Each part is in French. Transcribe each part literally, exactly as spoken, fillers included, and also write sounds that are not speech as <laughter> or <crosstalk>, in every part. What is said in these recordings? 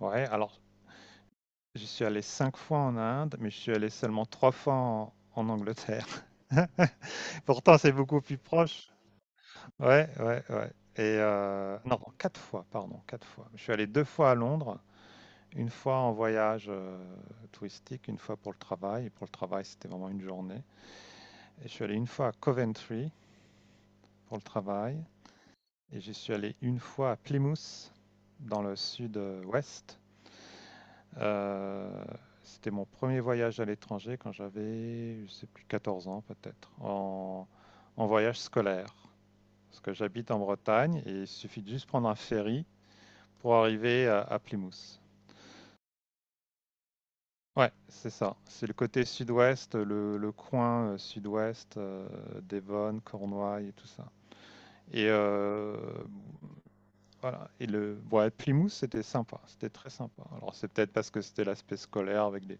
Ouais, alors je suis allé cinq fois en Inde, mais je suis allé seulement trois fois en, en Angleterre. <laughs> Pourtant, c'est beaucoup plus proche. Ouais, ouais, ouais. Et euh, non, quatre fois, pardon, quatre fois. Je suis allé deux fois à Londres, une fois en voyage euh, touristique, une fois pour le travail. Et pour le travail, c'était vraiment une journée. Et je suis allé une fois à Coventry pour le travail. Et je suis allé une fois à Plymouth, dans le sud-ouest. Euh, c'était mon premier voyage à l'étranger quand j'avais, je sais plus, quatorze ans peut-être, en, en voyage scolaire. Parce que j'habite en Bretagne et il suffit de juste prendre un ferry pour arriver à, à Plymouth. Ouais, c'est ça. C'est le côté sud-ouest, le, le coin euh, sud-ouest, euh, Devon, Cornouailles et tout ça. Et euh, voilà. Et le, ouais, Plymouth, c'était sympa. C'était très sympa. Alors, c'est peut-être parce que c'était l'aspect scolaire avec des-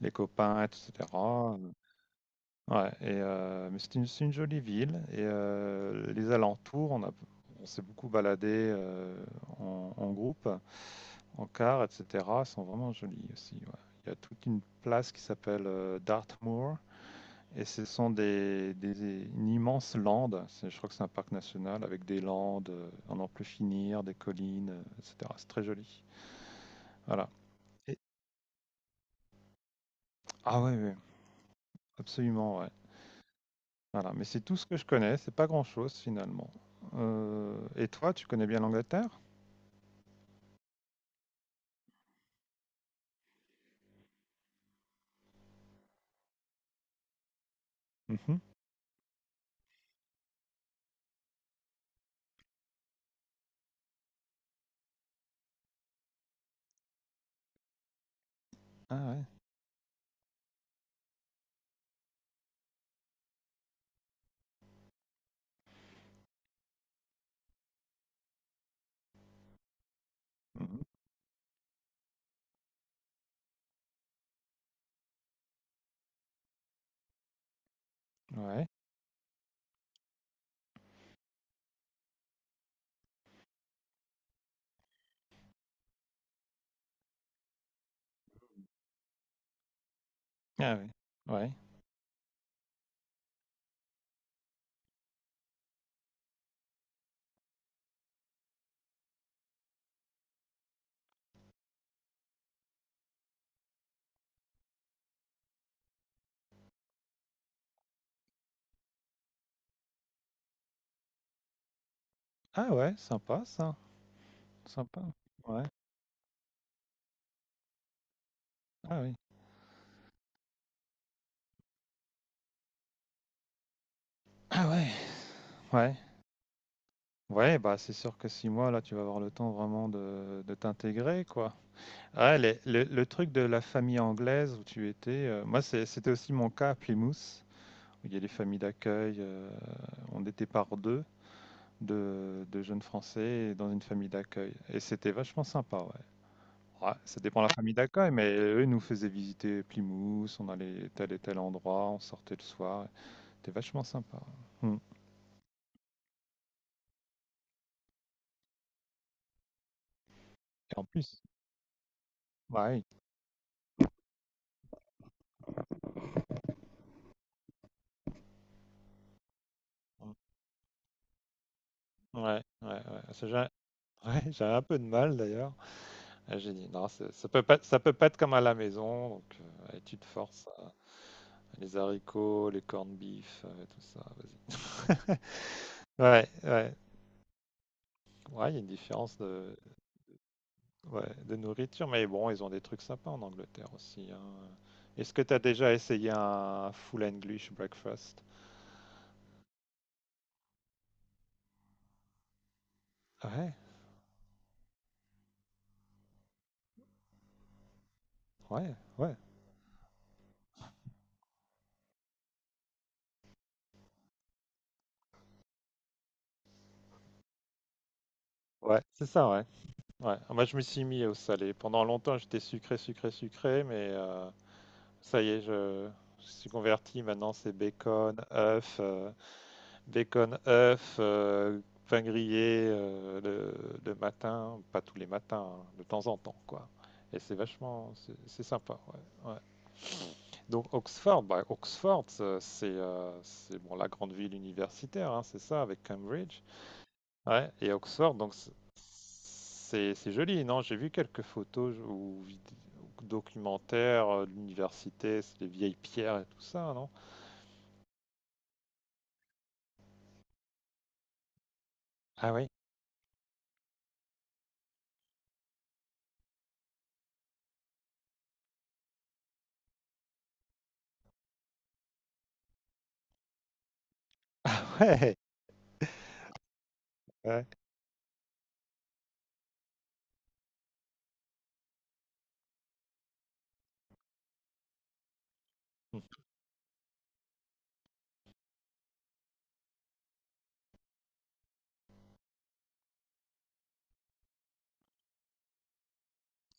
les copains, et cetera. Ouais et heu, mais c'est une c'est une jolie ville et heu, les alentours, on a on s'est beaucoup baladé, heu, en en groupe, en car et cetera, sont vraiment jolies aussi, ouais. Il y a toute une place qui s'appelle, heu, Dartmoor et ce sont des des des- une immense lande. C'est je crois que c'est un parc national avec des landes, heu, à n'en plus finir, des collines, heu, et cetera. C'est très joli. Voilà et ah ouais, ouais, absolument, ouais. Voilà, mais c'est tout ce que je connais, c'est pas grand-chose finalement. Heu et toi, tu connais bien l'Angleterre? Mmh. Ah ouais. Mmh. Ouais. Ah ouais. Ouais. Ah ouais, sympa ça, sympa. Ouais. Ah oui. Ah ouais. Ouais. Ouais, bah, c'est sûr que six mois là, tu vas avoir le temps vraiment de de t'intégrer quoi. Ah les le le truc de la famille anglaise où tu étais, heu, moi c'est c'était aussi mon cas à Plymouth, où il y a des familles d'accueil, heu, on était par deux. de, de jeunes Français dans une famille d'accueil. Et c'était vachement sympa, ouais. Ouais, ça dépend de la famille d'accueil, mais eux, ils nous faisaient visiter Plymouth, on allait tel et tel endroit, on sortait le soir. C'était vachement sympa. Mm. Et en plus, ouais. Ouais, ouais, ouais. Ça, j'ai <laughs> ouais, j'ai un peu de mal d'ailleurs. Et j'ai dit non, c'est- ça peut pas, ça peut pas être comme à la maison. Donc, euh, allez, tu te forces. euh, les haricots, les corned beef, euh, tout ça. Vas-y. <laughs> Ouais, ouais. Ouais, il y a une différence de, ouais, de nourriture, mais bon, ils ont des trucs sympas en Angleterre aussi, hein. Est-ce que tu as déjà essayé un full English breakfast? Ouais, ouais, ouais. Ouais, c'est ça, ouais. Ouais. Moi, je me suis mis au salé. Pendant longtemps, j'étais sucré, sucré, sucré, mais euh, ça y est, je, je suis converti. Maintenant, c'est bacon, œuf, euh, bacon, œuf, euh, pain grillé euh, le, le matin, pas tous les matins, hein, de temps en temps, quoi. Et c'est vachement, c'est c'est sympa, ouais. Ouais. Donc Oxford, bah, Oxford, euh, c'est euh, c'est, bon, la grande ville universitaire, hein, c'est ça, avec Cambridge. Ouais, et Oxford, donc c'est c'est- c'est joli, non? J'ai vu quelques photos ou vid- ou documentaires euh, de l'université, c'est les vieilles pierres et tout ça, non? Ah oui. <laughs> Ah ouais. Ouais. Mm.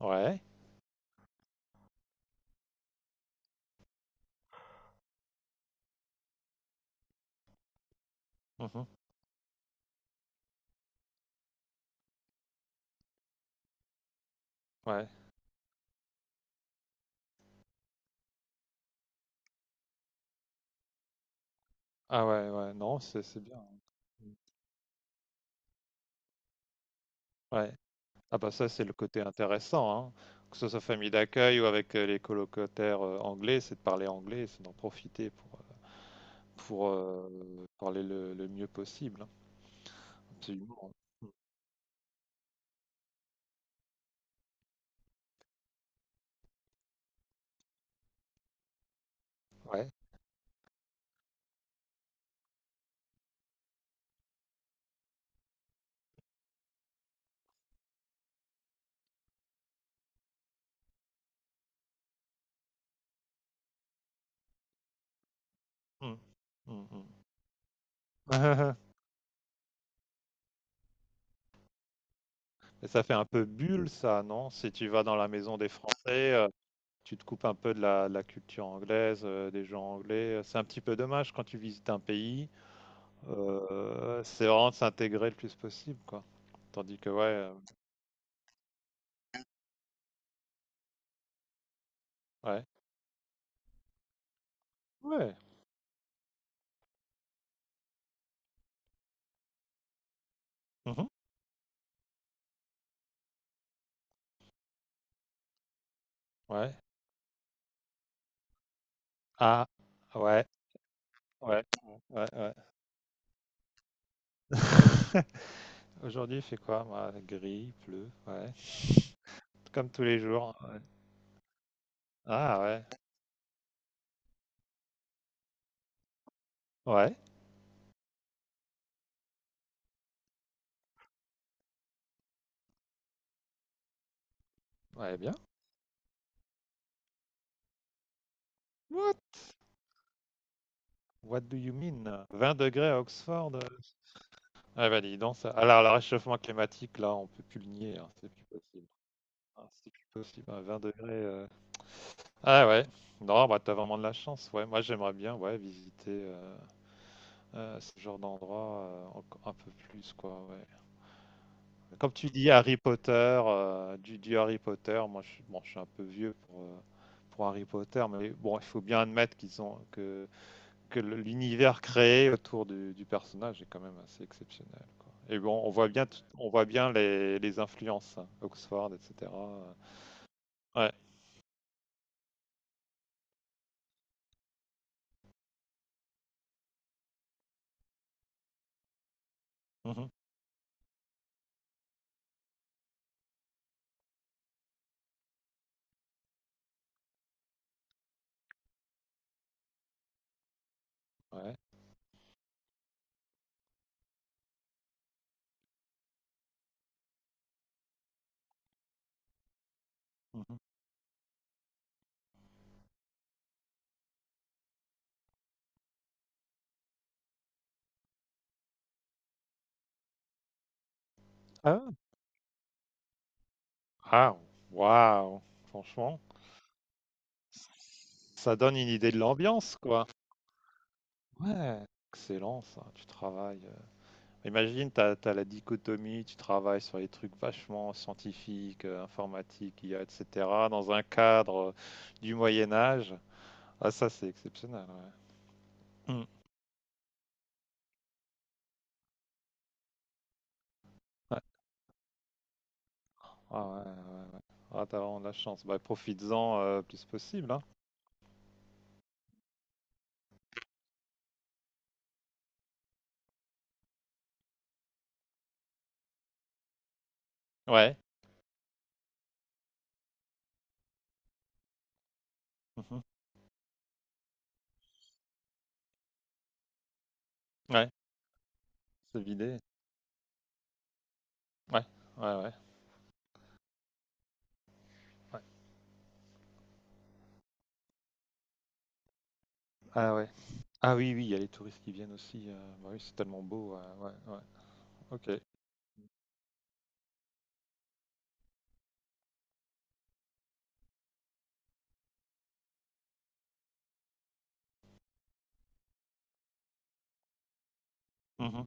Ouais. Mhm. Ouais. Ah ouais, ouais, non, c'est c'est bien. Mm. Ouais. Ah bah ça c'est le côté intéressant, hein. Que ce soit famille d'accueil ou avec euh, les colocataires euh, anglais, c'est de parler anglais, c'est d'en profiter pour, euh, pour euh, parler le, le mieux possible, hein. Absolument. Ouais. Mm. Mm, mm. <laughs> Et ça fait un peu bulle ça, non? Si tu vas dans la maison des Français, euh, tu te coupes un peu de la, de la culture anglaise, euh, des gens anglais. euh, C'est un petit peu dommage quand tu visites un pays. euh, c'est vraiment de s'intégrer le plus possible, quoi. Tandis que ouais, euh, ouais, ouais. Mhm. Ouais. Ah, ouais, ouais, ouais, ouais. <laughs> Aujourd'hui, il fait quoi, moi? Gris, il pleut, ouais. Comme tous les jours. Ouais. Ah, ouais. Ouais. Ouais, bien. What? What do you mean? Vingt degrés à Oxford? euh. Ah, bah, dis donc, ça. Alors, le réchauffement climatique, là, on peut plus le nier, hein, c'est plus possible. Ah, c'est plus possible, hein, vingt degrés. euh. Ah, ouais. Non, bah, t'as vraiment de la chance, ouais. Moi, j'aimerais bien, ouais, visiter euh, euh, ce genre d'endroit euh, enco- un peu plus, quoi, ouais. Comme tu dis, Harry Potter, euh, du, du Harry Potter, moi je, suis- bon, je suis un peu vieux pour, euh, pour Harry Potter, mais bon, il faut bien admettre qu'ils ont, que, que le- l'univers créé autour du, du personnage est quand même assez exceptionnel, quoi. Et bon, on voit bien, tout- on voit bien les, les influences, hein, Oxford, et cetera. Ouais. Mhm. Ouais. Mhm. Ah, ah, waouh, franchement, ça donne une idée de l'ambiance, quoi. Ouais, excellent ça, tu travailles. Imagine, tu as, la dichotomie, tu travailles sur les trucs vachement scientifiques, euh, informatiques, I A, et cetera, dans un cadre euh, du Moyen Âge. Ah, ça, c'est exceptionnel. Ouais. Mm. Ouais. Ah, ouais, ouais, ouais. Ah, t'as vraiment de la chance. Bah, profites-en euh, plus possible. Hein. Ouais. Mhm. Ouais. C'est vidé. Ouais. Ouais, ouais. Ouais. Ah, ouais. Ah, oui, oui, il y a les touristes qui viennent aussi. Euh, bah oui, c'est tellement beau. Ouais, ouais, ouais. Ok. Mhm.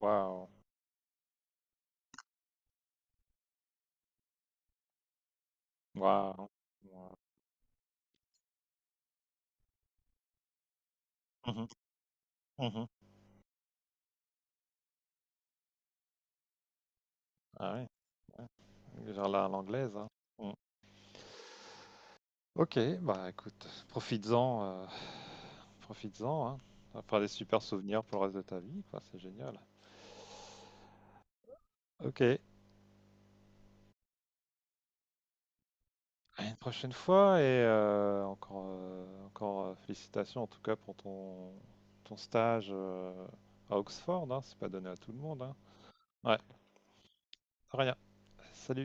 Waouh. Waouh. Waouh. Mhm. Mhm. Ah ouais, ouais. Genre là, à l'anglaise, hein. Mm. Ok, bah écoute, profites-en, euh, profites-en, hein. Ça va faire des super souvenirs pour le reste de ta vie, quoi, c'est génial. Ok, à une prochaine fois et euh, encore, euh, encore euh, félicitations en tout cas pour ton, ton stage euh, à Oxford, hein. C'est pas donné à tout le monde, hein. Ouais, de rien. Salut.